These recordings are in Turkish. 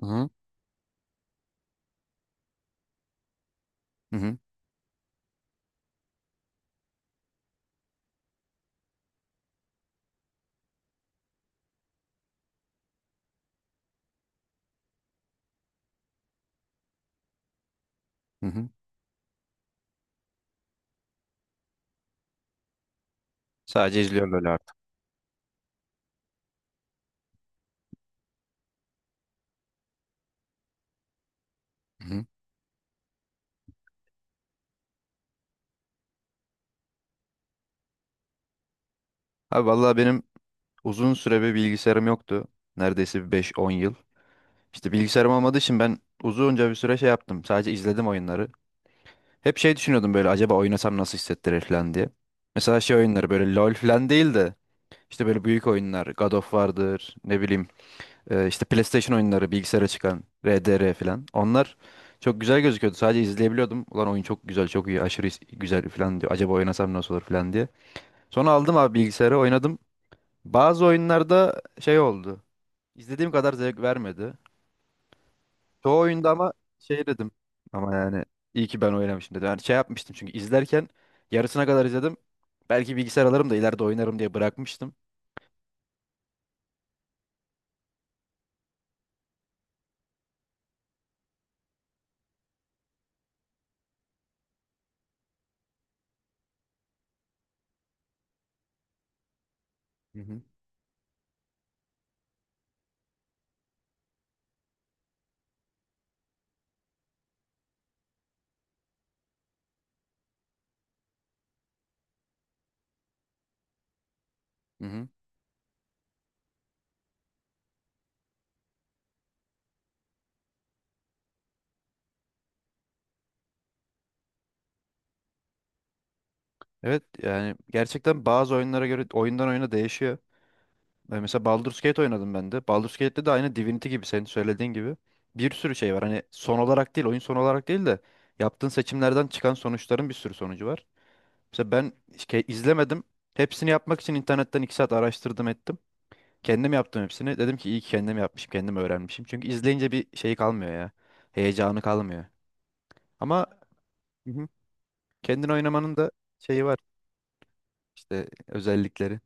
Hı hı. Hı hı. Hı hı. Sadece izliyorum öyle artık. Hı hı. Abi vallahi benim uzun süre bir bilgisayarım yoktu. Neredeyse bir 5-10 yıl. İşte bilgisayarım olmadığı için ben uzunca bir süre şey yaptım. Sadece izledim oyunları. Hep şey düşünüyordum böyle acaba oynasam nasıl hissettirir falan diye. Mesela şey oyunları böyle LoL falan değil de işte böyle büyük oyunlar. God of War'dır ne bileyim, işte PlayStation oyunları bilgisayara çıkan RDR falan. Onlar çok güzel gözüküyordu. Sadece izleyebiliyordum. Ulan oyun çok güzel, çok iyi, aşırı güzel falan diyor. Acaba oynasam nasıl olur falan diye. Sonra aldım abi bilgisayarı, oynadım. Bazı oyunlarda şey oldu. İzlediğim kadar zevk vermedi. Çoğu oyunda ama şey dedim. Ama yani iyi ki ben oynamışım dedim. Yani şey yapmıştım çünkü izlerken yarısına kadar izledim. Belki bilgisayar alırım da ileride oynarım diye bırakmıştım. Hı hı. Hı hı. Evet yani gerçekten bazı oyunlara göre, oyundan oyuna değişiyor. Ben mesela Baldur's Gate oynadım ben de. Baldur's Gate'de de aynı Divinity gibi, senin söylediğin gibi bir sürü şey var. Hani son olarak değil, oyun son olarak değil de yaptığın seçimlerden çıkan sonuçların bir sürü sonucu var. Mesela ben hiç izlemedim. Hepsini yapmak için internetten 2 saat araştırdım ettim. Kendim yaptım hepsini. Dedim ki iyi ki kendim yapmışım, kendim öğrenmişim. Çünkü izleyince bir şey kalmıyor ya. Heyecanı kalmıyor. Ama hı hı, kendin oynamanın da şeyi var. İşte özellikleri.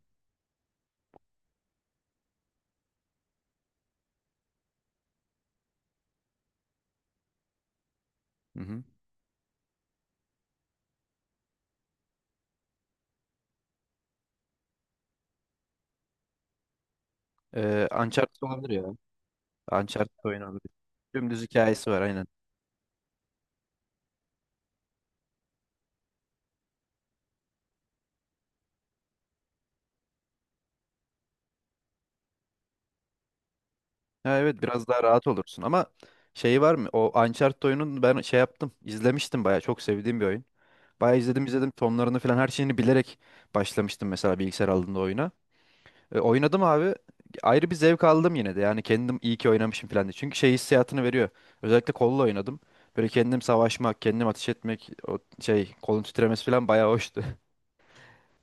Uncharted olabilir ya. Uncharted oyunu olabilir. Dümdüz hikayesi var aynen. Ha, evet biraz daha rahat olursun ama şeyi var mı? O Uncharted oyunun ben şey yaptım. İzlemiştim bayağı. Çok sevdiğim bir oyun. Bayağı izledim, izledim. Sonlarını falan, her şeyini bilerek başlamıştım mesela bilgisayar aldığımda oyuna. E, oynadım abi. Ayrı bir zevk aldım yine de. Yani kendim iyi ki oynamışım falan diye. Çünkü şey hissiyatını veriyor. Özellikle kolla oynadım. Böyle kendim savaşmak, kendim ateş etmek, o şey kolun titremesi falan bayağı hoştu.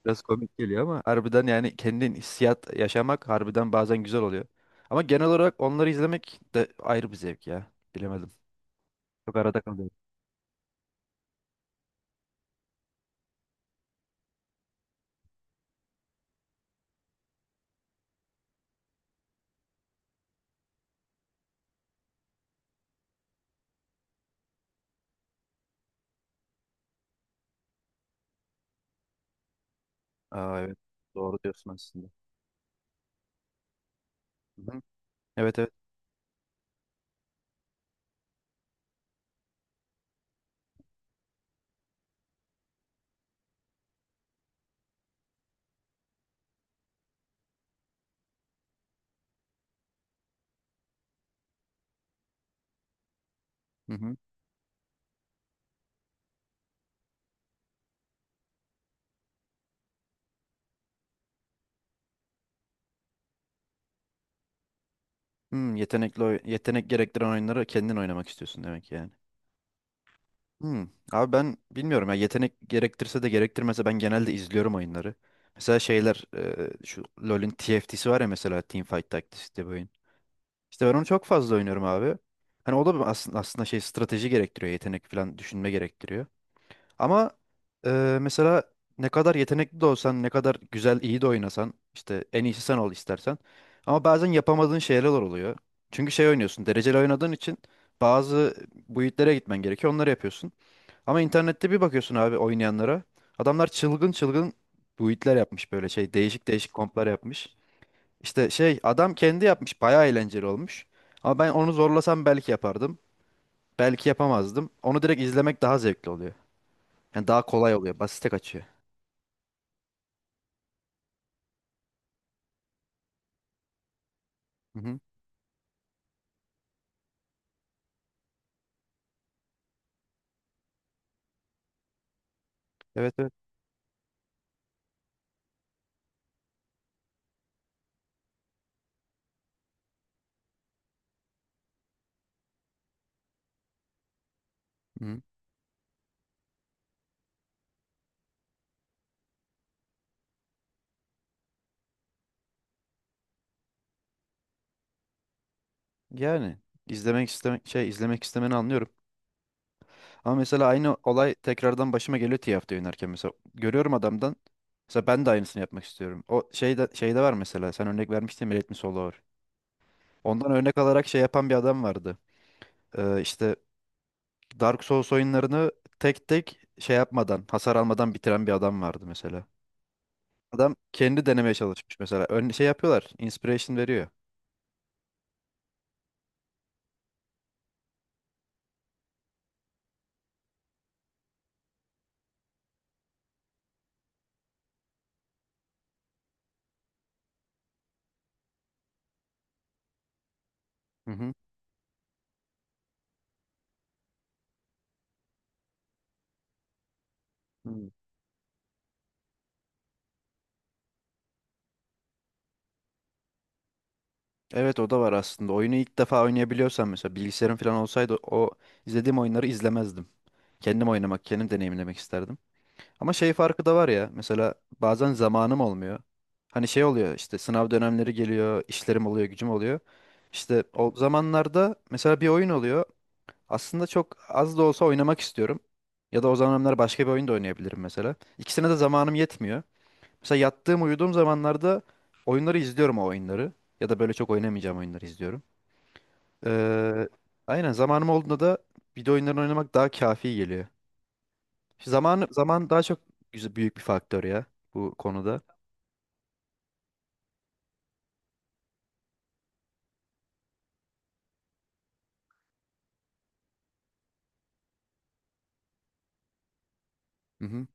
Biraz komik geliyor ama harbiden, yani kendin hissiyat yaşamak harbiden bazen güzel oluyor. Ama genel olarak onları izlemek de ayrı bir zevk ya. Bilemedim. Çok arada kalıyorum. Aa, evet. Doğru diyorsun aslında. Hı-hı. Evet, evet. Hı-hı. Hmm, yetenekli yetenek gerektiren oyunları kendin oynamak istiyorsun demek yani. Hmm. Abi ben bilmiyorum ya, yetenek gerektirse de gerektirmese ben genelde izliyorum oyunları. Mesela şeyler, şu LoL'ün TFT'si var ya, mesela Teamfight Tactics diye bir oyun. İşte ben onu çok fazla oynuyorum abi. Hani o da bir aslında, şey strateji gerektiriyor, yetenek falan, düşünme gerektiriyor. Ama mesela ne kadar yetenekli de olsan, ne kadar güzel, iyi de oynasan, işte en iyisi sen ol istersen. Ama bazen yapamadığın şeyler oluyor. Çünkü şey oynuyorsun, dereceli oynadığın için bazı build'lere gitmen gerekiyor, onları yapıyorsun. Ama internette bir bakıyorsun abi oynayanlara. Adamlar çılgın çılgın build'ler yapmış, böyle şey, değişik değişik komplar yapmış. İşte şey, adam kendi yapmış. Bayağı eğlenceli olmuş. Ama ben onu zorlasam belki yapardım. Belki yapamazdım. Onu direkt izlemek daha zevkli oluyor. Yani daha kolay oluyor. Basite kaçıyor. Hı hı. Evet, evet. Hı hı. Yani izlemek istemek şey, izlemek istemeni anlıyorum. Ama mesela aynı olay tekrardan başıma geliyor TFT oynarken, mesela görüyorum adamdan. Mesela ben de aynısını yapmak istiyorum. O şeyde, var mesela, sen örnek vermiştin Millet mi Solo var. Ondan örnek alarak şey yapan bir adam vardı. İşte Dark Souls oyunlarını tek tek şey yapmadan, hasar almadan bitiren bir adam vardı mesela. Adam kendi denemeye çalışmış mesela. Ön şey yapıyorlar, inspiration veriyor. Hı hı. Hmm. Evet o da var aslında. Oyunu ilk defa oynayabiliyorsan, mesela bilgisayarım falan olsaydı o izlediğim oyunları izlemezdim. Kendim oynamak, kendim deneyimlemek isterdim. Ama şey farkı da var ya, mesela bazen zamanım olmuyor. Hani şey oluyor, işte sınav dönemleri geliyor, işlerim oluyor, gücüm oluyor. İşte o zamanlarda mesela bir oyun oluyor. Aslında çok az da olsa oynamak istiyorum. Ya da o zamanlar başka bir oyun da oynayabilirim mesela. İkisine de zamanım yetmiyor. Mesela yattığım, uyuduğum zamanlarda oyunları izliyorum, o oyunları. Ya da böyle çok oynamayacağım oyunları izliyorum. Ee, aynen, zamanım olduğunda da video oyunlarını oynamak daha kafi geliyor. Zaman daha çok güzel, büyük bir faktör ya bu konuda. Hı hı.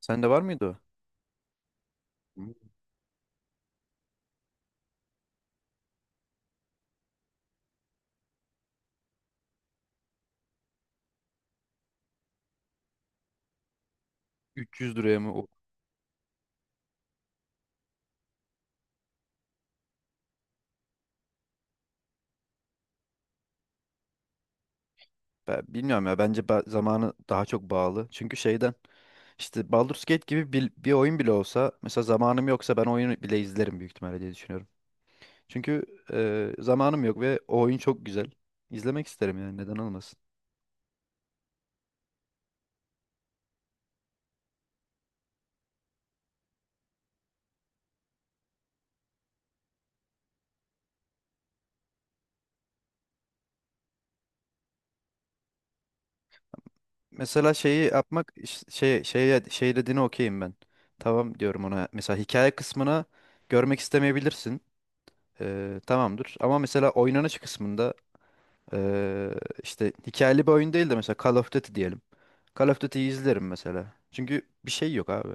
Sende var mıydı o? Hı. 300 liraya mı? Ben bilmiyorum ya, bence zamanı daha çok bağlı. Çünkü şeyden, işte Baldur's Gate gibi bir oyun bile olsa mesela zamanım yoksa ben oyunu bile izlerim büyük ihtimalle diye düşünüyorum. Çünkü zamanım yok ve o oyun çok güzel. İzlemek isterim yani, neden olmasın. Mesela şeyi yapmak şey, şeye şey dediğine okeyim ben. Tamam diyorum ona. Mesela hikaye kısmına görmek istemeyebilirsin. E, tamamdır. Ama mesela oynanış kısmında Ee, işte hikayeli bir oyun değil de mesela Call of Duty diyelim. Call of Duty'yi izlerim mesela. Çünkü bir şey yok abi.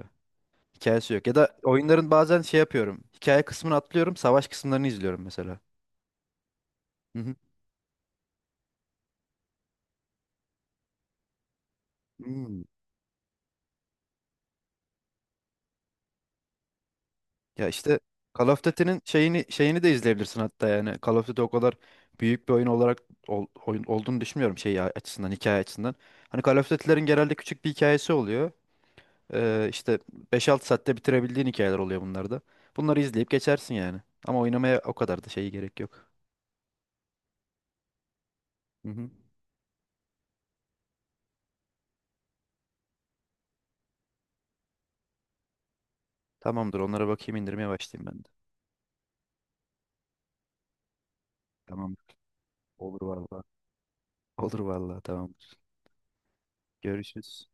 Hikayesi yok. Ya da oyunların bazen şey yapıyorum. Hikaye kısmını atlıyorum, savaş kısımlarını izliyorum mesela. Hı hı. Hmm. Ya işte Call of Duty'nin şeyini, de izleyebilirsin hatta yani. Call of Duty o kadar büyük bir oyun olarak oyun olduğunu düşünmüyorum şey açısından, hikaye açısından. Hani Call of Duty'lerin genelde küçük bir hikayesi oluyor. İşte 5-6 saatte bitirebildiğin hikayeler oluyor bunlarda. Bunları izleyip geçersin yani. Ama oynamaya o kadar da şeyi gerek yok. Hı hı. Tamamdır, onlara bakayım, indirmeye başlayayım ben de. Tamamdır. Olur vallahi. Olur vallahi, tamamdır. Görüşürüz.